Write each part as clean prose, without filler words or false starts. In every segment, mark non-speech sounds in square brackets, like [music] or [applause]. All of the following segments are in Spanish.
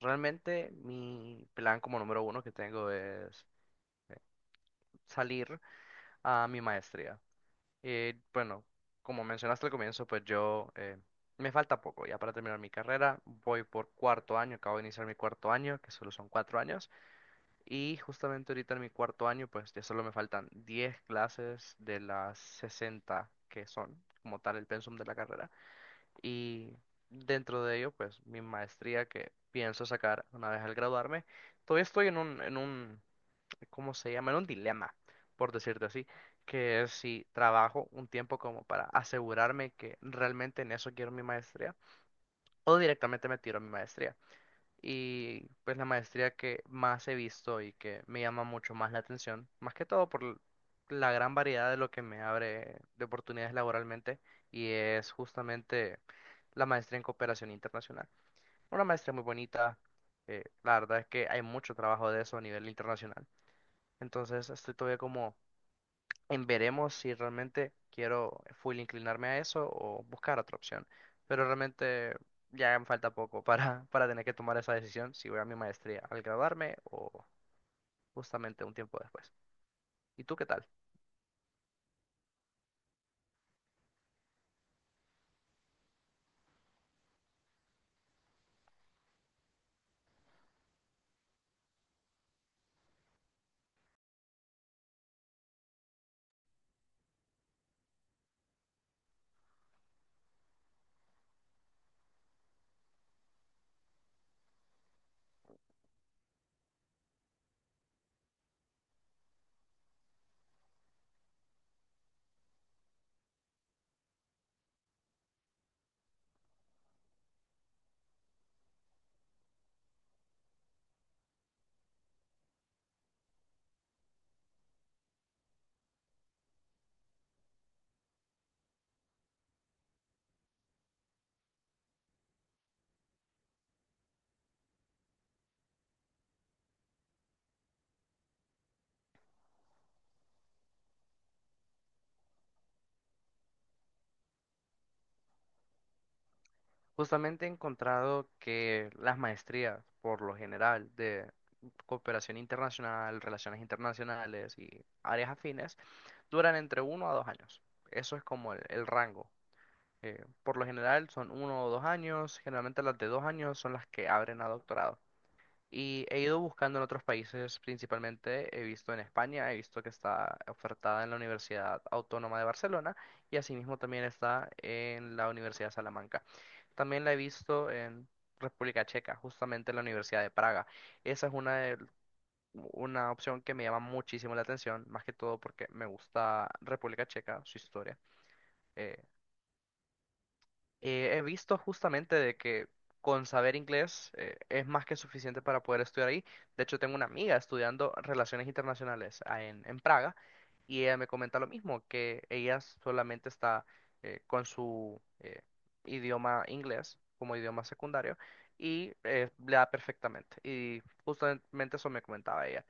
Realmente mi plan como número uno que tengo es salir a mi maestría. Y bueno, como mencionaste al comienzo, pues yo me falta poco ya para terminar mi carrera. Voy por cuarto año, acabo de iniciar mi cuarto año, que solo son 4 años. Y justamente ahorita en mi cuarto año, pues ya solo me faltan 10 clases de las 60 que son como tal el pensum de la carrera. Y dentro de ello, pues mi maestría que pienso sacar una vez al graduarme, todavía estoy en un, ¿cómo se llama? En un dilema, por decirte así, que es si trabajo un tiempo como para asegurarme que realmente en eso quiero mi maestría o directamente me tiro a mi maestría y pues la maestría que más he visto y que me llama mucho más la atención, más que todo la gran variedad de lo que me abre de oportunidades laboralmente y es justamente la maestría en cooperación internacional. Una maestría muy bonita, la verdad es que hay mucho trabajo de eso a nivel internacional, entonces estoy todavía como en veremos si realmente quiero full inclinarme a eso o buscar otra opción. Pero realmente ya me falta poco para, [laughs] para tener que tomar esa decisión si voy a mi maestría al graduarme o justamente un tiempo después. ¿Y tú qué tal? Justamente he encontrado que las maestrías, por lo general, de cooperación internacional, relaciones internacionales y áreas afines, duran entre 1 a 2 años. Eso es como el rango. Por lo general son 1 o 2 años, generalmente las de 2 años son las que abren a doctorado. Y he ido buscando en otros países, principalmente he visto en España, he visto que está ofertada en la Universidad Autónoma de Barcelona y asimismo también está en la Universidad de Salamanca. También la he visto en República Checa, justamente en la Universidad de Praga. Esa es una opción que me llama muchísimo la atención, más que todo porque me gusta República Checa, su historia. eh, He visto justamente de que con saber inglés es más que suficiente para poder estudiar ahí. De hecho, tengo una amiga estudiando relaciones internacionales en Praga y ella me comenta lo mismo, que ella solamente está con su idioma inglés como idioma secundario y le da perfectamente. Y justamente eso me comentaba ella.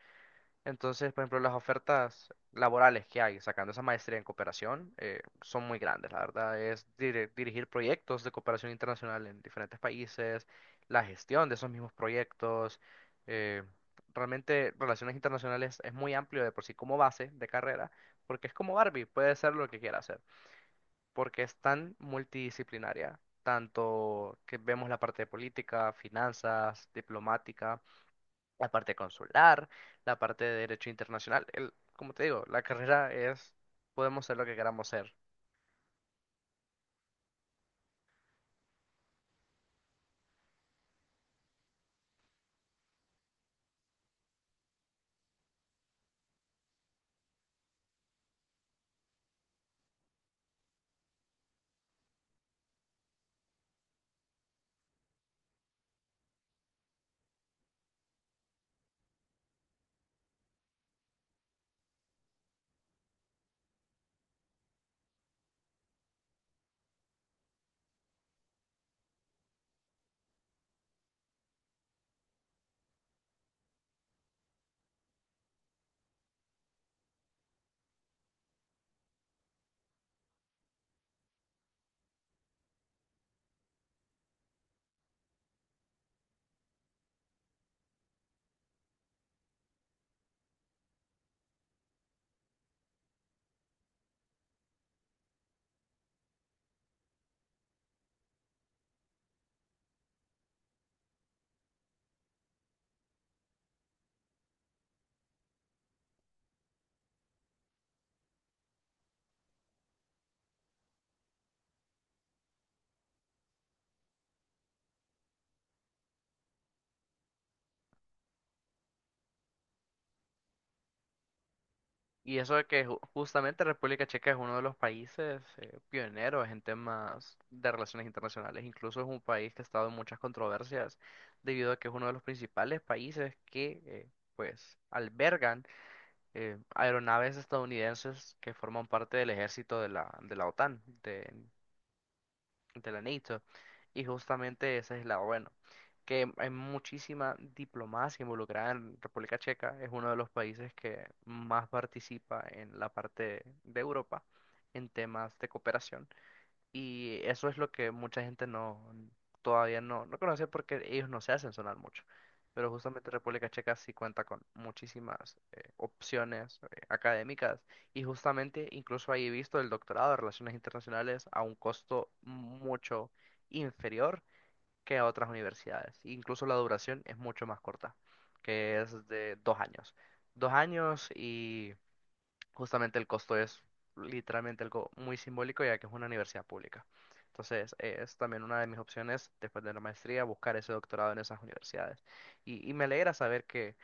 Entonces, por ejemplo, las ofertas laborales que hay sacando esa maestría en cooperación son muy grandes, la verdad. Es dirigir proyectos de cooperación internacional en diferentes países, la gestión de esos mismos proyectos. eh, Realmente, relaciones internacionales es muy amplio de por sí como base de carrera, porque es como Barbie, puede ser lo que quiera hacer, porque es tan multidisciplinaria, tanto que vemos la parte de política, finanzas, diplomática, la parte consular, la parte de derecho internacional. Como te digo, la carrera es, podemos ser lo que queramos ser. Y eso de que justamente República Checa es uno de los países pioneros en temas de relaciones internacionales. Incluso es un país que ha estado en muchas controversias debido a que es uno de los principales países que pues albergan aeronaves estadounidenses que forman parte del ejército de la OTAN, de la. Y justamente ese es el lado bueno, que hay muchísima diplomacia involucrada en República Checa, es uno de los países que más participa en la parte de Europa en temas de cooperación. Y eso es lo que mucha gente no, todavía no conoce porque ellos no se hacen sonar mucho. Pero justamente República Checa sí cuenta con muchísimas opciones académicas y justamente incluso ahí he visto el doctorado de Relaciones Internacionales a un costo mucho inferior que a otras universidades. Incluso la duración es mucho más corta, que es de 2 años. 2 años. Y justamente el costo es literalmente algo muy simbólico ya que es una universidad pública. Entonces, es también una de mis opciones después de la maestría, buscar ese doctorado en esas universidades. Y me alegra saber que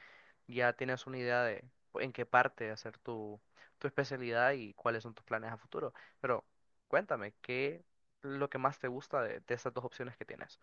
ya tienes una idea de en qué parte hacer tu especialidad y cuáles son tus planes a futuro. Pero cuéntame, ¿qué es lo que más te gusta de esas dos opciones que tienes?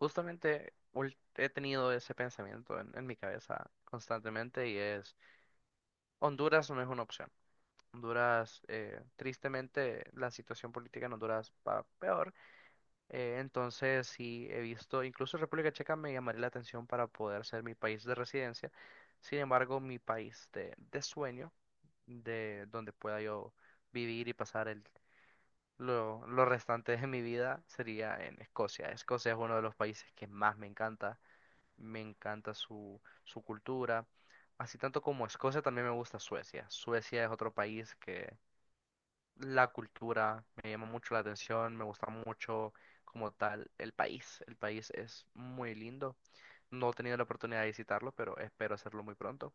Justamente he tenido ese pensamiento en mi cabeza constantemente y Honduras no es una opción. Honduras, tristemente, la situación política en Honduras va peor. Entonces, sí he visto, incluso República Checa me llamaría la atención para poder ser mi país de residencia. Sin embargo, mi país de sueño, de donde pueda yo vivir y pasar lo restante de mi vida, sería en Escocia. Escocia es uno de los países que más me encanta. Me encanta su cultura. Así tanto como Escocia, también me gusta Suecia. Suecia es otro país que la cultura me llama mucho la atención, me gusta mucho como tal el país. El país es muy lindo. No he tenido la oportunidad de visitarlo, pero espero hacerlo muy pronto.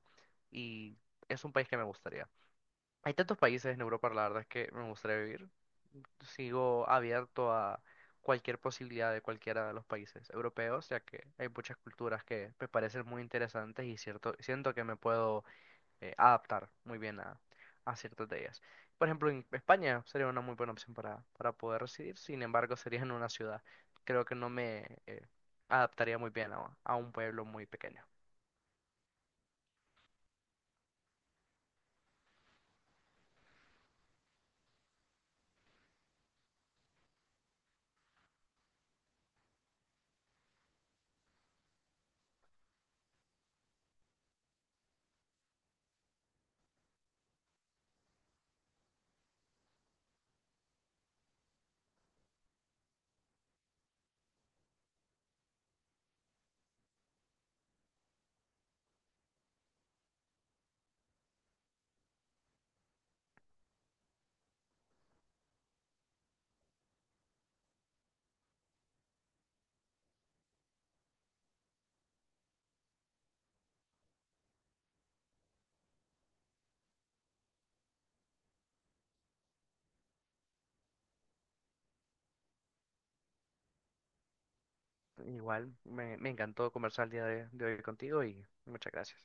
Y es un país que me gustaría. Hay tantos países en Europa, la verdad es que me gustaría vivir. Sigo abierto a cualquier posibilidad de cualquiera de los países europeos, ya que hay muchas culturas que me parecen muy interesantes y cierto, siento que me puedo adaptar muy bien a ciertas de ellas. Por ejemplo, en España sería una muy buena opción para poder residir, sin embargo, sería en una ciudad. Creo que no me adaptaría muy bien a un pueblo muy pequeño. Igual, me encantó conversar el día de hoy contigo y muchas gracias.